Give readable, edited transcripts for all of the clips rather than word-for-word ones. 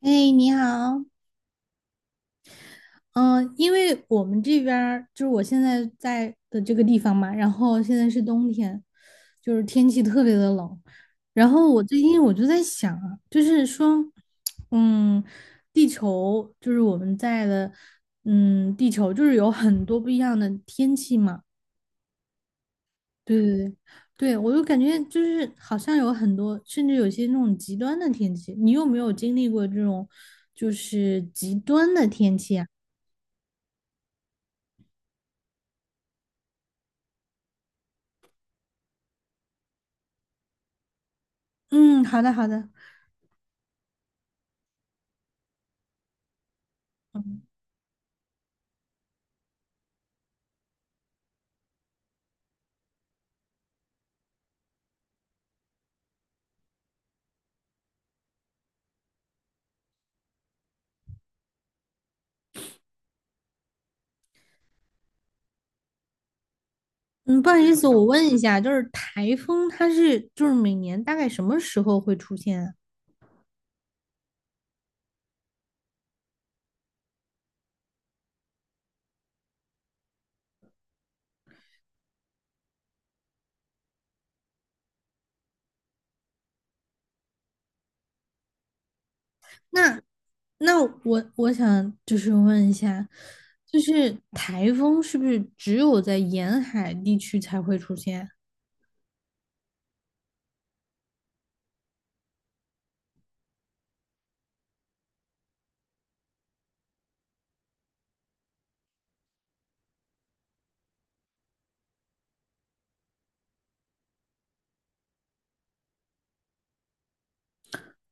哎，你好，嗯，因为我们这边儿就是我现在在的这个地方嘛，然后现在是冬天，就是天气特别的冷，然后我最近就在想啊，就是说，嗯，地球就是我们在的，地球就是有很多不一样的天气嘛。对对对，对我就感觉就是好像有很多，甚至有些那种极端的天气，你有没有经历过这种就是极端的天气啊？嗯，好的好的。嗯，不好意思，我问一下，就是台风它是就是每年大概什么时候会出现啊？那我想就是问一下，就是台风是不是只有在沿海地区才会出现？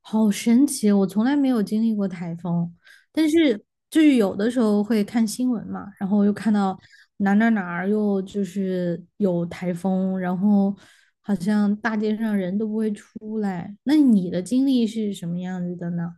好神奇，我从来没有经历过台风，但是就是有的时候会看新闻嘛，然后又看到哪儿又就是有台风，然后好像大街上人都不会出来。那你的经历是什么样子的呢？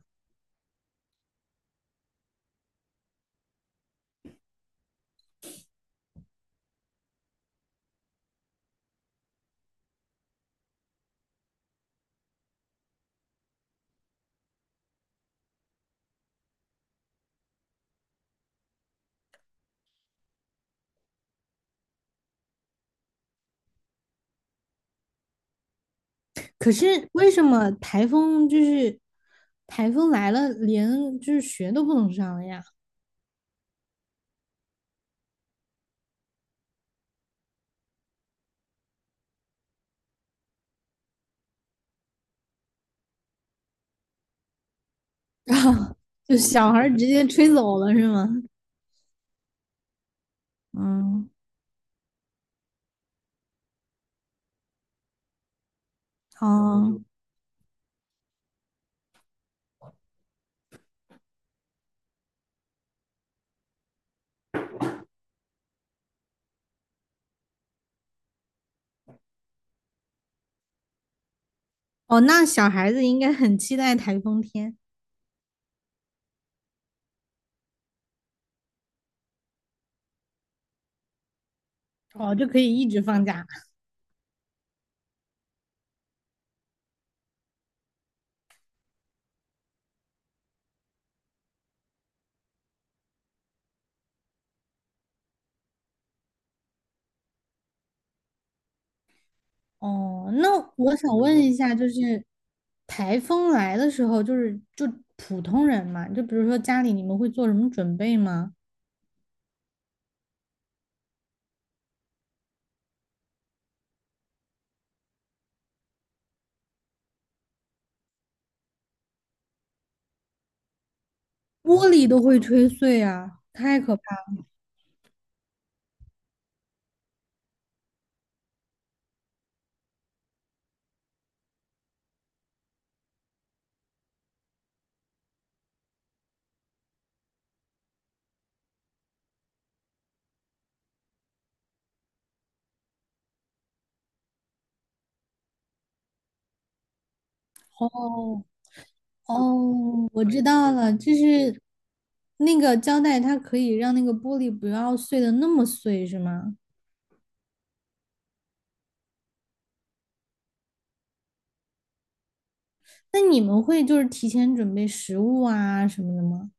可是为什么台风就是台风来了，连就是学都不能上了呀？就小孩儿直接吹走了是吗？嗯。哦哦，那小孩子应该很期待台风天。哦，就可以一直放假。哦，那我想问一下，就是台风来的时候，就是普通人嘛，就比如说家里你们会做什么准备吗？玻璃都会吹碎啊，太可怕了。哦哦，我知道了，就是那个胶带，它可以让那个玻璃不要碎的那么碎，是吗？那你们会就是提前准备食物啊什么的吗？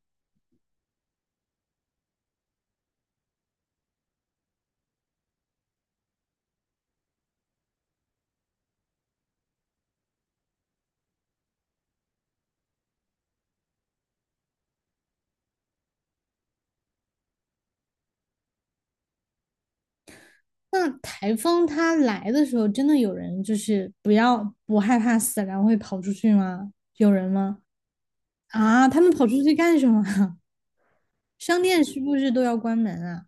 那台风它来的时候，真的有人就是不要不害怕死，然后会跑出去吗？有人吗？啊，他们跑出去干什么啊？商店是不是都要关门啊？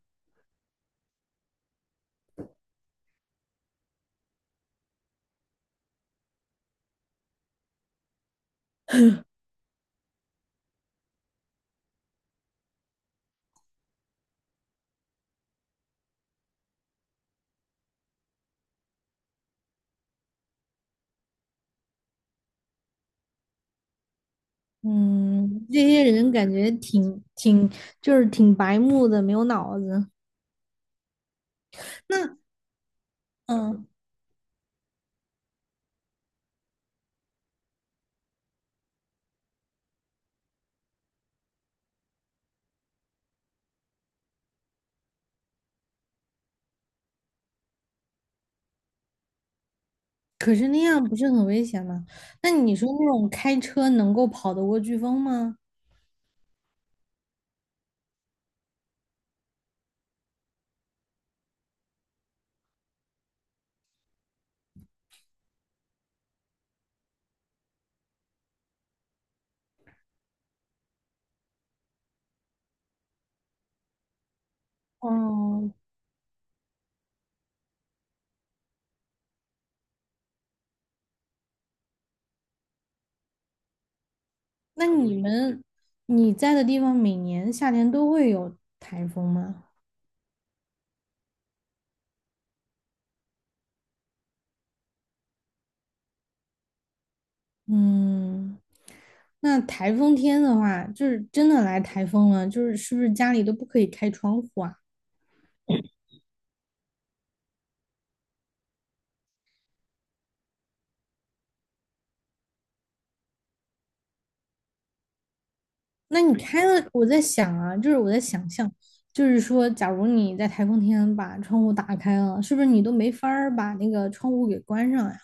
嗯，这些人感觉挺就是挺白目的，没有脑子。那嗯，呃可是那样不是很危险吗？那你说那种开车能够跑得过飓风吗？哦，那你们你在的地方每年夏天都会有台风吗？嗯，那台风天的话，就是真的来台风了，就是是不是家里都不可以开窗户啊？那你开了，我在想啊，就是我在想象，就是说，假如你在台风天把窗户打开了，是不是你都没法儿把那个窗户给关上呀？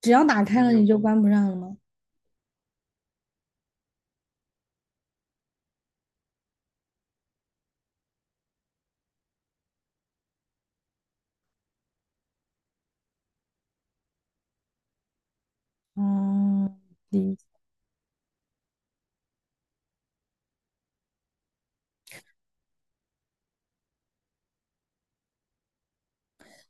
只要打开了，你就关不上了吗？哦，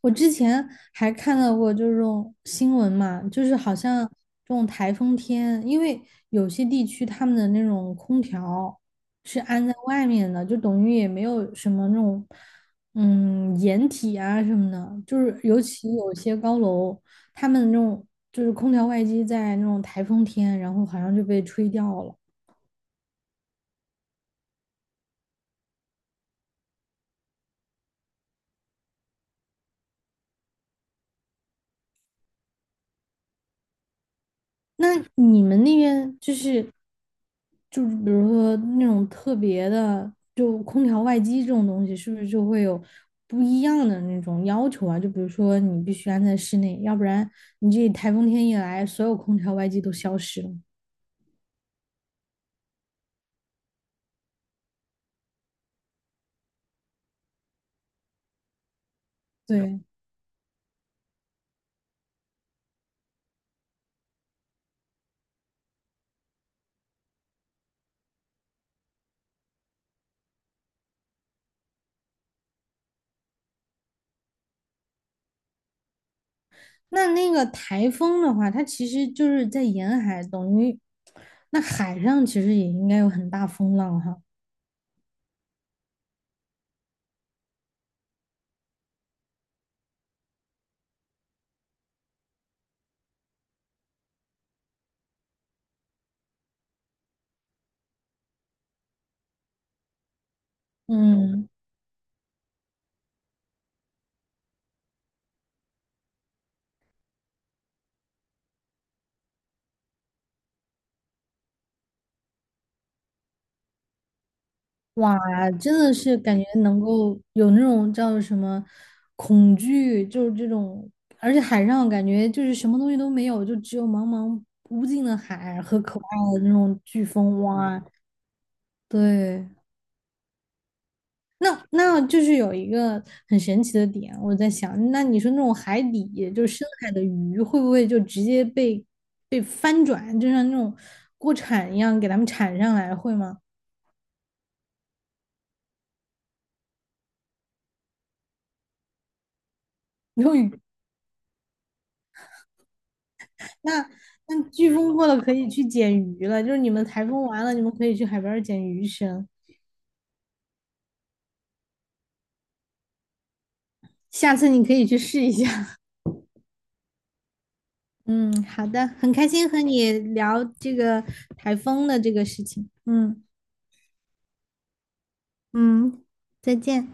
我之前还看到过这种新闻嘛，就是好像这种台风天，因为有些地区他们的那种空调是安在外面的，就等于也没有什么那种掩体啊什么的，就是尤其有些高楼，他们那种就是空调外机在那种台风天，然后好像就被吹掉了。那你们那边就是，就是比如说那种特别的，就空调外机这种东西，是不是就会有不一样的那种要求啊？就比如说你必须安在室内，要不然你这台风天一来，所有空调外机都消失了。对，那那个台风的话，它其实就是在沿海，等于那海上其实也应该有很大风浪哈。嗯。哇，真的是感觉能够有那种叫什么恐惧，就是这种，而且海上感觉就是什么东西都没有，就只有茫茫无尽的海和可怕的那种飓风。哇，对，那那就是有一个很神奇的点，我在想，那你说那种海底就是深海的鱼，会不会就直接被被翻转，就像那种锅铲一样给它们铲上来，会吗？用那那飓风过了可以去捡鱼了，就是你们台风完了，你们可以去海边儿捡鱼吃。下次你可以去试一下。嗯，好的，很开心和你聊这个台风的这个事情。嗯嗯，再见。